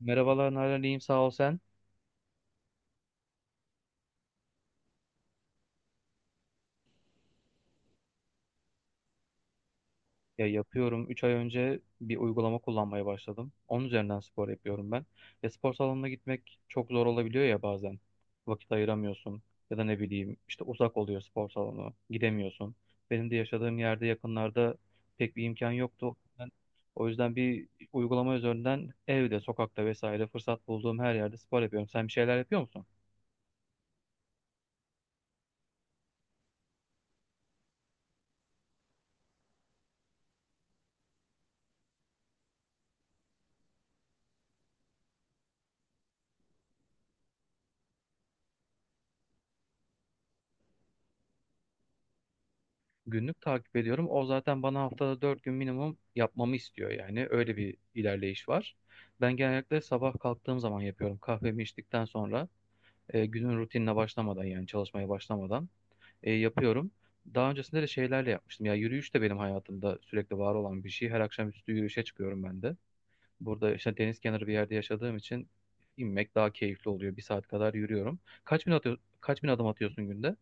Merhabalar Nalan, iyiyim sağ ol sen. Ya yapıyorum. 3 ay önce bir uygulama kullanmaya başladım. Onun üzerinden spor yapıyorum ben. Ya spor salonuna gitmek çok zor olabiliyor ya bazen. Vakit ayıramıyorsun. Ya da ne bileyim işte uzak oluyor spor salonu. Gidemiyorsun. Benim de yaşadığım yerde yakınlarda pek bir imkan yoktu. Ben, o yüzden bir uygulama üzerinden evde, sokakta vesaire fırsat bulduğum her yerde spor yapıyorum. Sen bir şeyler yapıyor musun? Günlük takip ediyorum. O zaten bana haftada 4 gün minimum yapmamı istiyor yani. Öyle bir ilerleyiş var. Ben genellikle sabah kalktığım zaman yapıyorum. Kahvemi içtikten sonra günün rutinine başlamadan yani çalışmaya başlamadan yapıyorum. Daha öncesinde de şeylerle yapmıştım. Ya yürüyüş de benim hayatımda sürekli var olan bir şey. Her akşamüstü yürüyüşe çıkıyorum ben de. Burada işte deniz kenarı bir yerde yaşadığım için inmek daha keyifli oluyor. 1 saat kadar yürüyorum. Kaç bin atıyor, kaç bin adım atıyorsun günde?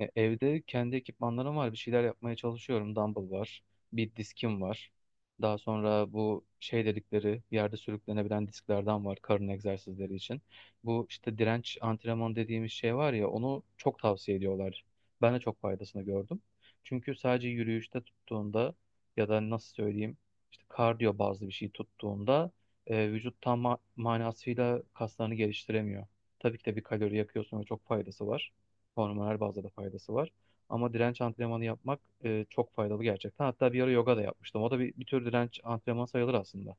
E, Evde kendi ekipmanlarım var. Bir şeyler yapmaya çalışıyorum. Dumbbell var. Bir diskim var. Daha sonra bu şey dedikleri yerde sürüklenebilen disklerden var karın egzersizleri için. Bu işte direnç antrenmanı dediğimiz şey var ya onu çok tavsiye ediyorlar. Ben de çok faydasını gördüm. Çünkü sadece yürüyüşte tuttuğunda ya da nasıl söyleyeyim işte kardiyo bazlı bir şey tuttuğunda vücut tam manasıyla kaslarını geliştiremiyor. Tabii ki de bir kalori yakıyorsun ve çok faydası var. Hormonal bazda da faydası var. Ama direnç antrenmanı yapmak çok faydalı gerçekten. Hatta bir ara yoga da yapmıştım. O da bir tür direnç antrenmanı sayılır aslında.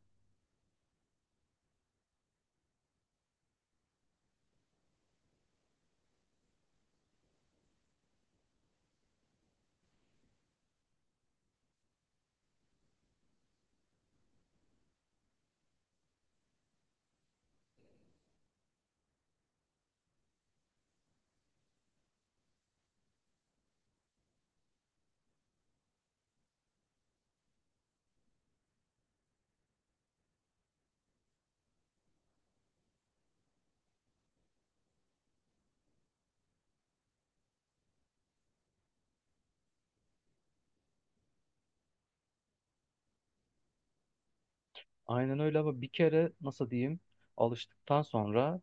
Aynen öyle ama bir kere nasıl diyeyim alıştıktan sonra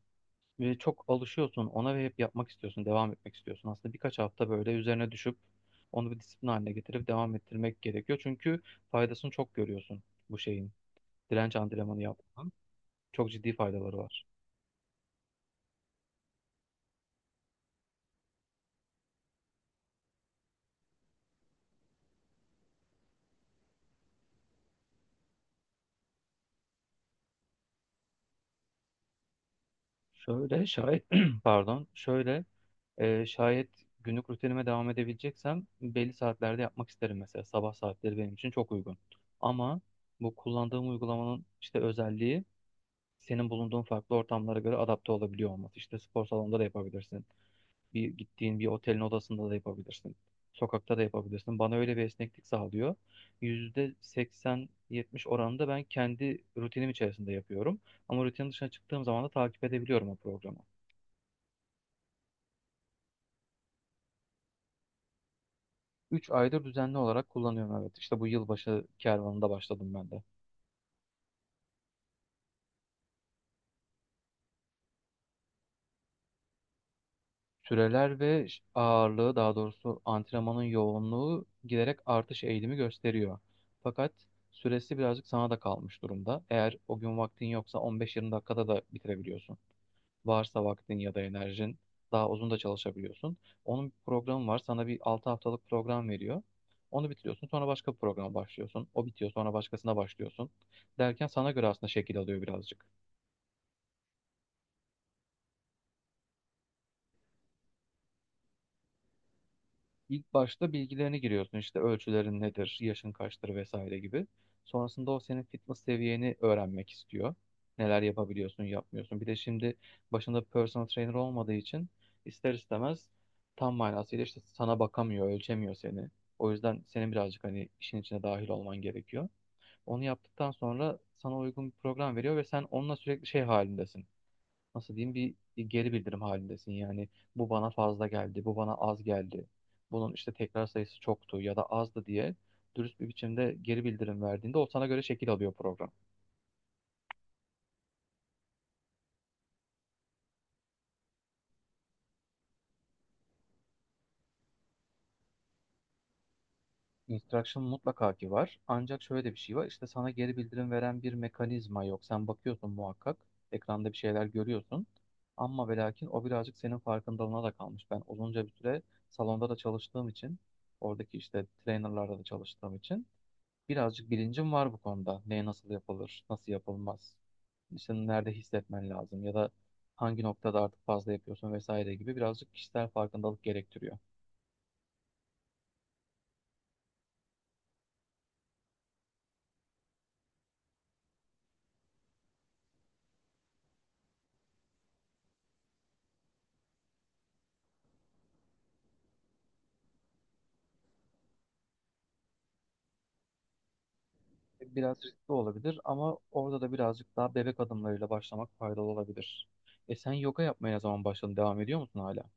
e, çok alışıyorsun ona ve hep yapmak istiyorsun, devam etmek istiyorsun. Aslında birkaç hafta böyle üzerine düşüp onu bir disiplin haline getirip devam ettirmek gerekiyor. Çünkü faydasını çok görüyorsun bu şeyin. Direnç antrenmanı yapmanın çok ciddi faydaları var. Şöyle şayet pardon şöyle şayet günlük rutinime devam edebileceksem belli saatlerde yapmak isterim mesela. Sabah saatleri benim için çok uygun. Ama bu kullandığım uygulamanın işte özelliği senin bulunduğun farklı ortamlara göre adapte olabiliyor olması. İşte spor salonunda da yapabilirsin. Bir gittiğin bir otelin odasında da yapabilirsin. Sokakta da yapabilirsin. Bana öyle bir esneklik sağlıyor. %80-70 oranında ben kendi rutinim içerisinde yapıyorum. Ama rutinin dışına çıktığım zaman da takip edebiliyorum o programı. 3 aydır düzenli olarak kullanıyorum evet. İşte bu yılbaşı kervanında başladım ben de. Süreler ve ağırlığı daha doğrusu antrenmanın yoğunluğu giderek artış eğilimi gösteriyor. Fakat süresi birazcık sana da kalmış durumda. Eğer o gün vaktin yoksa 15-20 dakikada da bitirebiliyorsun. Varsa vaktin ya da enerjin daha uzun da çalışabiliyorsun. Onun bir programı var. Sana bir 6 haftalık program veriyor. Onu bitiriyorsun. Sonra başka bir programa başlıyorsun. O bitiyor. Sonra başkasına başlıyorsun. Derken sana göre aslında şekil alıyor birazcık. İlk başta bilgilerini giriyorsun işte ölçülerin nedir, yaşın kaçtır vesaire gibi. Sonrasında o senin fitness seviyeni öğrenmek istiyor. Neler yapabiliyorsun, yapmıyorsun. Bir de şimdi başında personal trainer olmadığı için ister istemez tam manasıyla işte sana bakamıyor, ölçemiyor seni. O yüzden senin birazcık hani işin içine dahil olman gerekiyor. Onu yaptıktan sonra sana uygun bir program veriyor ve sen onunla sürekli şey halindesin nasıl diyeyim bir geri bildirim halindesin. Yani bu bana fazla geldi, bu bana az geldi. Bunun işte tekrar sayısı çoktu ya da azdı diye dürüst bir biçimde geri bildirim verdiğinde o sana göre şekil alıyor program. Instruction mutlaka ki var. Ancak şöyle de bir şey var. İşte sana geri bildirim veren bir mekanizma yok. Sen bakıyorsun muhakkak. Ekranda bir şeyler görüyorsun. Ama ve lakin o birazcık senin farkındalığına da kalmış. Ben uzunca bir süre salonda da çalıştığım için, oradaki işte trainerlarda da çalıştığım için birazcık bilincim var bu konuda. Ne nasıl yapılır, nasıl yapılmaz. İşte nerede hissetmen lazım ya da hangi noktada artık fazla yapıyorsun vesaire gibi birazcık kişisel farkındalık gerektiriyor. Biraz riskli olabilir ama orada da birazcık daha bebek adımlarıyla başlamak faydalı olabilir. E sen yoga yapmaya ne zaman başladın? Devam ediyor musun hala?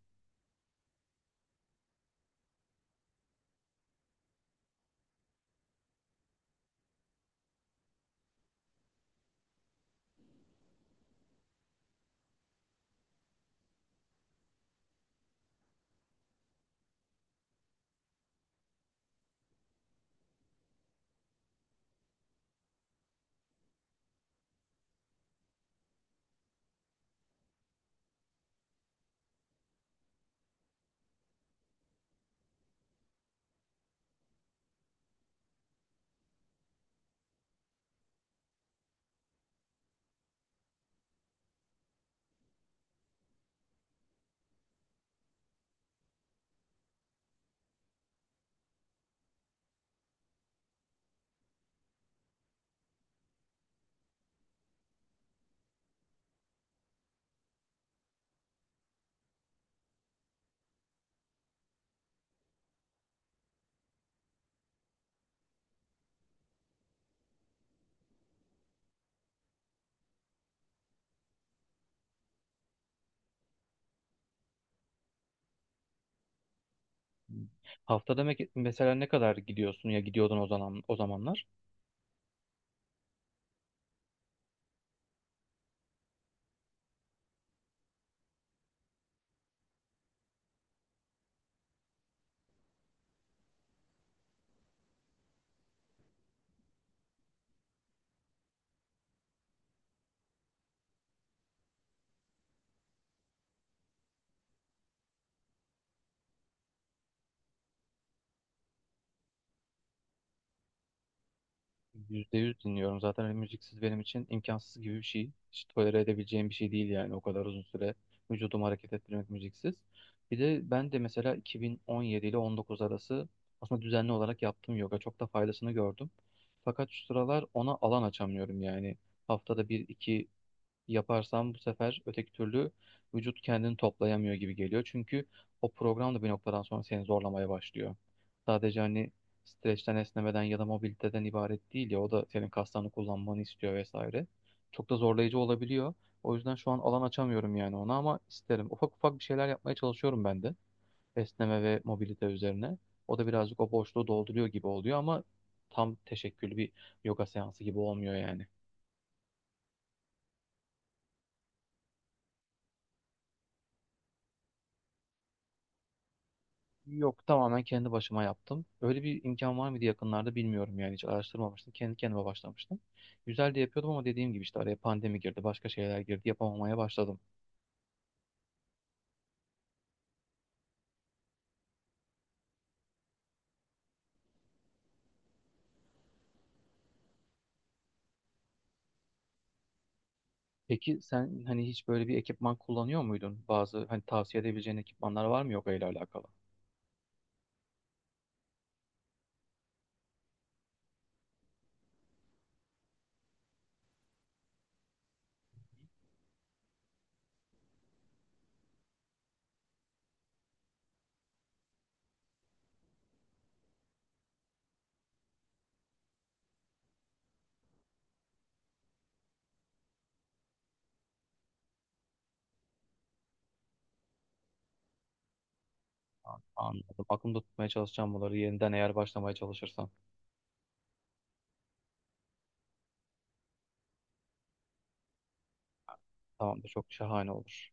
Haftada mesela ne kadar gidiyorsun ya gidiyordun o zaman o zamanlar? %100 dinliyorum. Zaten hani müziksiz benim için imkansız gibi bir şey. Hiç tolere edebileceğim bir şey değil yani o kadar uzun süre vücudumu hareket ettirmek müziksiz. Bir de ben de mesela 2017 ile 19 arası aslında düzenli olarak yaptığım yoga çok da faydasını gördüm. Fakat şu sıralar ona alan açamıyorum yani. Haftada bir iki yaparsam bu sefer öteki türlü vücut kendini toplayamıyor gibi geliyor. Çünkü o program da bir noktadan sonra seni zorlamaya başlıyor. Sadece hani streçten esnemeden ya da mobiliteden ibaret değil ya o da senin kaslarını kullanmanı istiyor vesaire. Çok da zorlayıcı olabiliyor. O yüzden şu an alan açamıyorum yani ona ama isterim. Ufak ufak bir şeyler yapmaya çalışıyorum ben de. Esneme ve mobilite üzerine. O da birazcık o boşluğu dolduruyor gibi oluyor ama tam teşekküllü bir yoga seansı gibi olmuyor yani. Yok tamamen kendi başıma yaptım. Öyle bir imkan var mıydı yakınlarda bilmiyorum yani hiç araştırmamıştım. Kendi kendime başlamıştım. Güzel de yapıyordum ama dediğim gibi işte araya pandemi girdi, başka şeyler girdi, yapamamaya başladım. Peki sen hani hiç böyle bir ekipman kullanıyor muydun? Bazı hani tavsiye edebileceğin ekipmanlar var mı yok ile alakalı? Anladım. Aklımda tutmaya çalışacağım bunları yeniden eğer başlamaya çalışırsam. Tamamdır çok şahane olur.